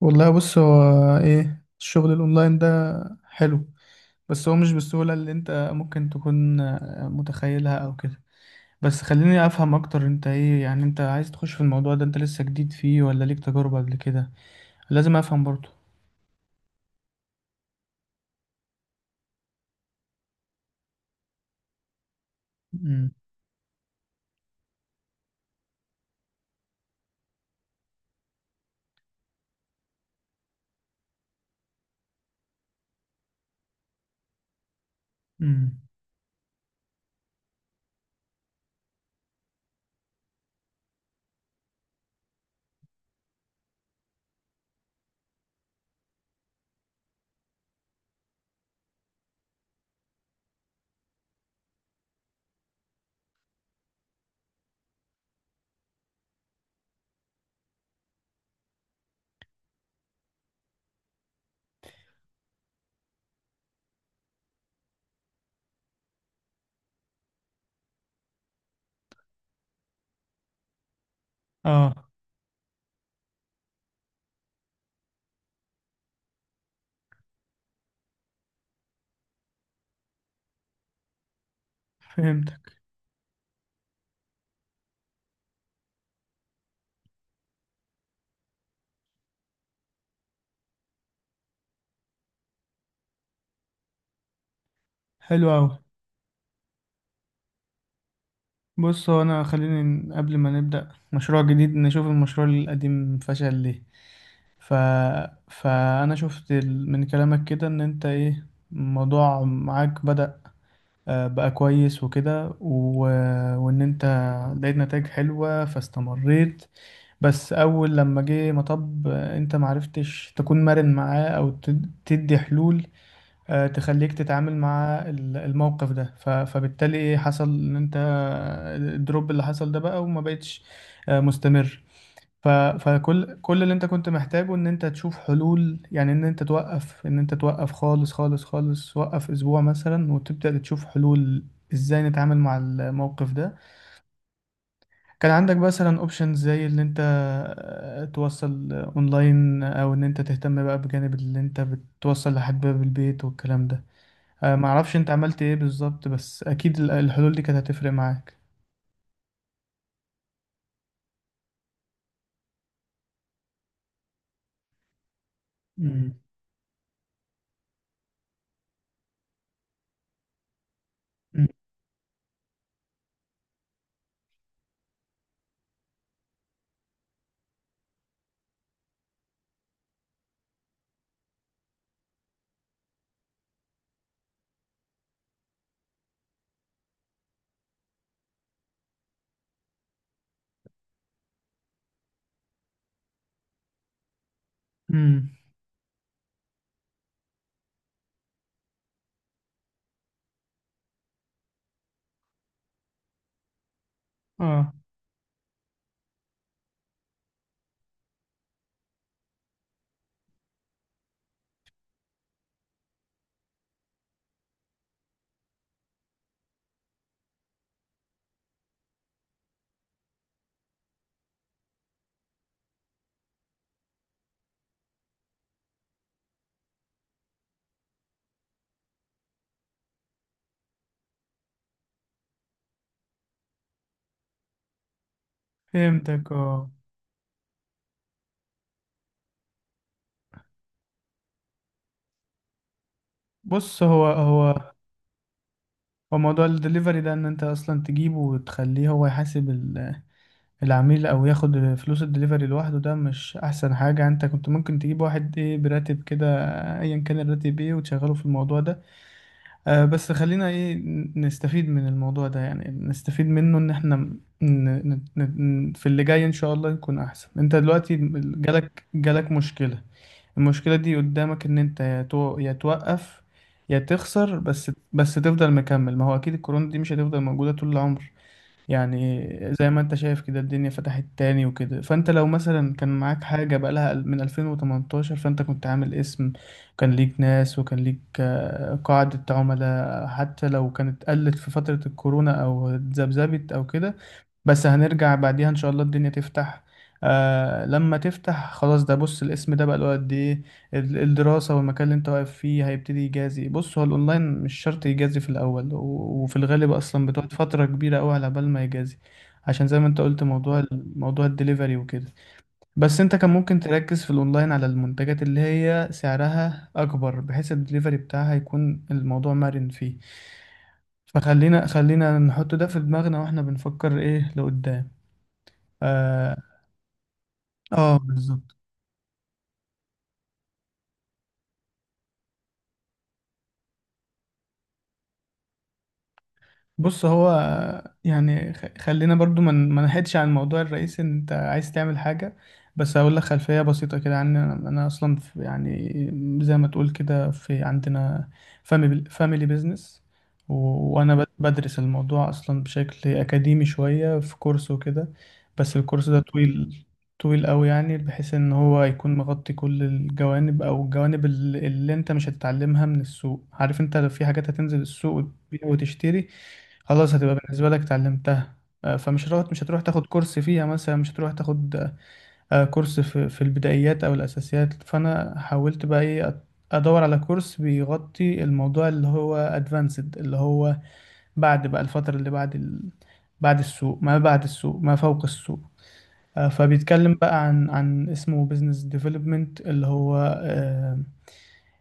والله، بص هو، ايه الشغل الاونلاين ده؟ حلو. بس هو مش بالسهولة اللي انت ممكن تكون متخيلها او كده. بس خليني افهم اكتر، انت ايه يعني، انت عايز تخش في الموضوع ده؟ انت لسه جديد فيه ولا ليك تجارب قبل كده؟ لازم افهم برضو. امم. امم. اه، فهمتك. حلو اوي. بص هو، انا خليني قبل ما نبدأ مشروع جديد نشوف المشروع القديم فشل ليه. ف... فانا شفت من كلامك كده ان انت ايه، الموضوع معاك بدأ بقى كويس وكده وان انت لقيت نتائج حلوة فاستمريت. بس اول لما جه مطب انت معرفتش تكون مرن معاه او تدي حلول تخليك تتعامل مع الموقف ده. فبالتالي ايه حصل ان انت الدروب اللي حصل ده بقى وما بقتش مستمر. فكل اللي انت كنت محتاجه ان انت تشوف حلول يعني، ان انت توقف، ان انت توقف خالص، خالص خالص، وقف اسبوع مثلا وتبدأ تشوف حلول. ازاي نتعامل مع الموقف ده؟ كان عندك مثلا اوبشنز زي ان انت توصل اونلاين او ان انت تهتم بقى بجانب اللي انت بتوصل لحد باب البيت والكلام ده. معرفش انت عملت ايه بالظبط، بس اكيد الحلول دي كانت هتفرق معاك. امم. امم. اه، فهمتك. اه، بص هو، هو موضوع الدليفري ده ان انت اصلا تجيبه وتخليه هو يحاسب العميل او ياخد فلوس الدليفري لوحده، ده مش احسن حاجة. انت كنت ممكن تجيب واحد ايه براتب كده، ايا كان الراتب ايه، وتشغله في الموضوع ده. آه، بس خلينا ايه نستفيد من الموضوع ده، يعني نستفيد منه ان احنا في اللي جاي ان شاء الله نكون احسن. انت دلوقتي جالك مشكلة. المشكلة دي قدامك إن أنت يا توقف، يا تخسر، بس تفضل مكمل. ما هو أكيد الكورونا دي مش هتفضل موجودة طول العمر يعني. زي ما أنت شايف كده الدنيا فتحت تاني وكده. فأنت لو مثلا كان معاك حاجة بقالها من 2018، فأنت كنت عامل اسم، كان ليك ناس، وكان ليك قاعدة عملاء. حتى لو كانت قلت في فترة الكورونا أو اتذبذبت أو كده، بس هنرجع بعديها ان شاء الله الدنيا تفتح. آه، لما تفتح خلاص، ده بص الاسم ده بقى له قد ايه. الدراسة والمكان اللي انت واقف فيه هيبتدي يجازي. بص هو الاونلاين مش شرط يجازي في الاول، وفي الغالب اصلا بتقعد فترة كبيرة قوي على بال ما يجازي، عشان زي ما انت قلت موضوع موضوع الدليفري وكده. بس انت كان ممكن تركز في الاونلاين على المنتجات اللي هي سعرها اكبر، بحيث الدليفري بتاعها يكون الموضوع مرن فيه. فخلينا نحط ده في دماغنا واحنا بنفكر ايه لقدام. اه. آه، بالظبط. بص هو، يعني خلينا برضو ما ما نحيدش عن الموضوع الرئيسي. ان انت عايز تعمل حاجة، بس هقول لك خلفية بسيطة كده عني. انا، أنا اصلا في يعني زي ما تقول كده، في عندنا فاميلي بيزنس، وانا بدرس الموضوع اصلا بشكل اكاديمي شوية في كورس وكده. بس الكورس ده طويل، طويل قوي يعني، بحيث ان هو يكون مغطي كل الجوانب او الجوانب اللي انت مش هتتعلمها من السوق. عارف انت، لو في حاجات هتنزل السوق وتبيع وتشتري، خلاص هتبقى بالنسبة لك اتعلمتها. آه، فمش هتروح مش هتروح تاخد كورس فيها مثلا، مش هتروح تاخد كورس في البدايات أو الأساسيات. فأنا حاولت بقى إيه أدور على كورس بيغطي الموضوع اللي هو أدفانسد، اللي هو بعد بقى الفترة اللي بعد بعد السوق، ما بعد السوق، ما فوق السوق. آه، فبيتكلم بقى عن اسمه بزنس ديفلوبمنت، اللي هو آه،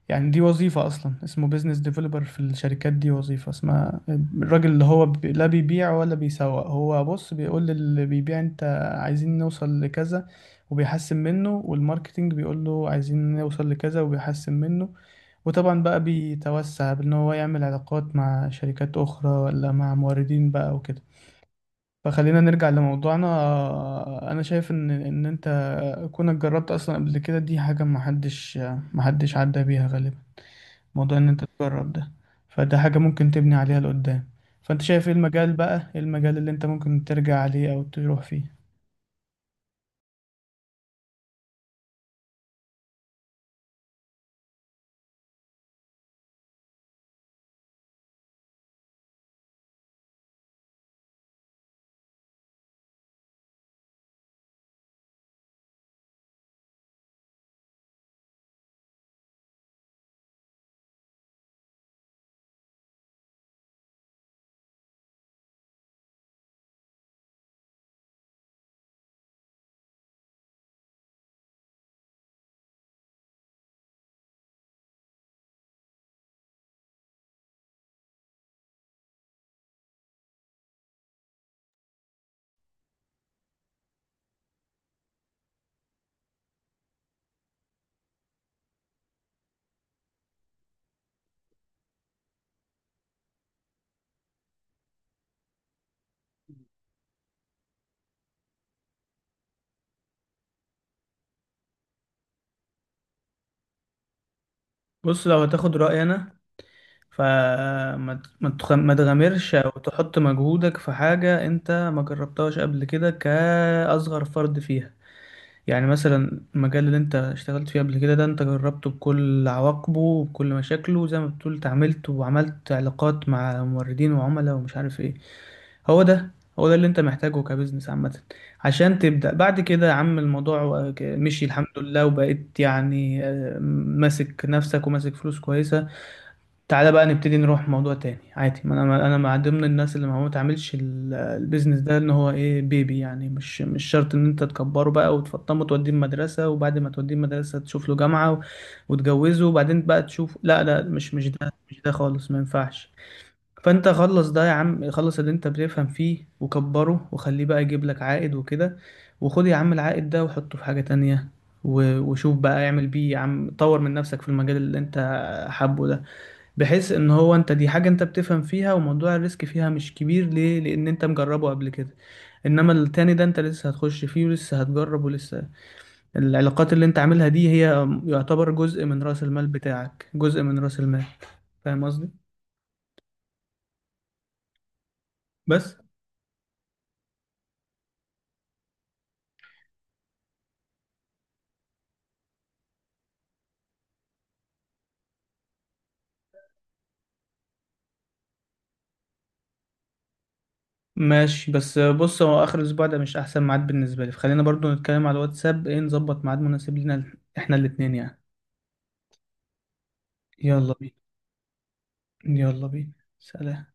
يعني دي وظيفة أصلا اسمه بيزنس ديفلوبر في الشركات. دي وظيفة اسمها الراجل اللي هو لا بيبيع ولا بيسوق، هو بص بيقول للي بيبيع: أنت عايزين نوصل لكذا، وبيحسن منه. والماركتينج بيقول له عايزين نوصل لكذا، وبيحسن منه. وطبعا بقى بيتوسع بأن هو يعمل علاقات مع شركات أخرى ولا مع موردين بقى وكده. فخلينا نرجع لموضوعنا. أنا شايف إن أنت كونك جربت أصلا قبل كده دي حاجة محدش عدى بيها غالبا، موضوع ان انت تجرب ده. فده حاجة ممكن تبني عليها لقدام. فانت شايف ايه المجال بقى، إيه المجال اللي انت ممكن ترجع عليه او تروح فيه؟ بص لو هتاخد رأيي أنا، فما ت- ما تخ- ما تغامرش أو تحط مجهودك في حاجة أنت ما جربتهاش قبل كده كأصغر فرد فيها. يعني مثلا المجال اللي انت اشتغلت فيه قبل كده ده، انت جربته بكل عواقبه وبكل مشاكله، زي ما بتقول اتعاملت وعملت علاقات مع موردين وعملاء ومش عارف ايه. هو ده هو ده اللي انت محتاجه كبزنس عامة عشان تبدأ بعد كده. يا عم، الموضوع مشي الحمد لله، وبقيت يعني ماسك نفسك وماسك فلوس كويسة. تعالى بقى نبتدي نروح موضوع تاني عادي. ما انا مع ضمن الناس اللي ما هو تعملش البيزنس ده ان هو ايه بيبي يعني. مش شرط ان انت تكبره بقى وتفطمه، توديه المدرسه، وبعد ما توديه المدرسه تشوف له جامعه، وتجوزه، وبعدين بقى تشوف. لا، لا، مش ده مش ده خالص، ما ينفعش. فانت خلص ده يا عم، خلص اللي انت بتفهم فيه وكبره وخليه بقى يجيب لك عائد وكده. وخد يا عم العائد ده وحطه في حاجه تانية، وشوف بقى اعمل بيه يا عم. طور من نفسك في المجال اللي انت حابه ده، بحيث ان هو انت دي حاجة انت بتفهم فيها وموضوع الريسك فيها مش كبير ليه، لان انت مجربه قبل كده. انما التاني ده انت لسه هتخش فيه ولسه هتجرب ولسه، العلاقات اللي انت عاملها دي هي يعتبر جزء من رأس المال بتاعك، جزء من رأس المال. فاهم قصدي؟ بس. ماشي، بس بص هو اخر الاسبوع ده مش احسن ميعاد بالنسبة لي، فخلينا برضو نتكلم على الواتساب ايه، نظبط ميعاد مناسب لنا احنا الاتنين يعني. يلا بينا. يلا بينا. سلام.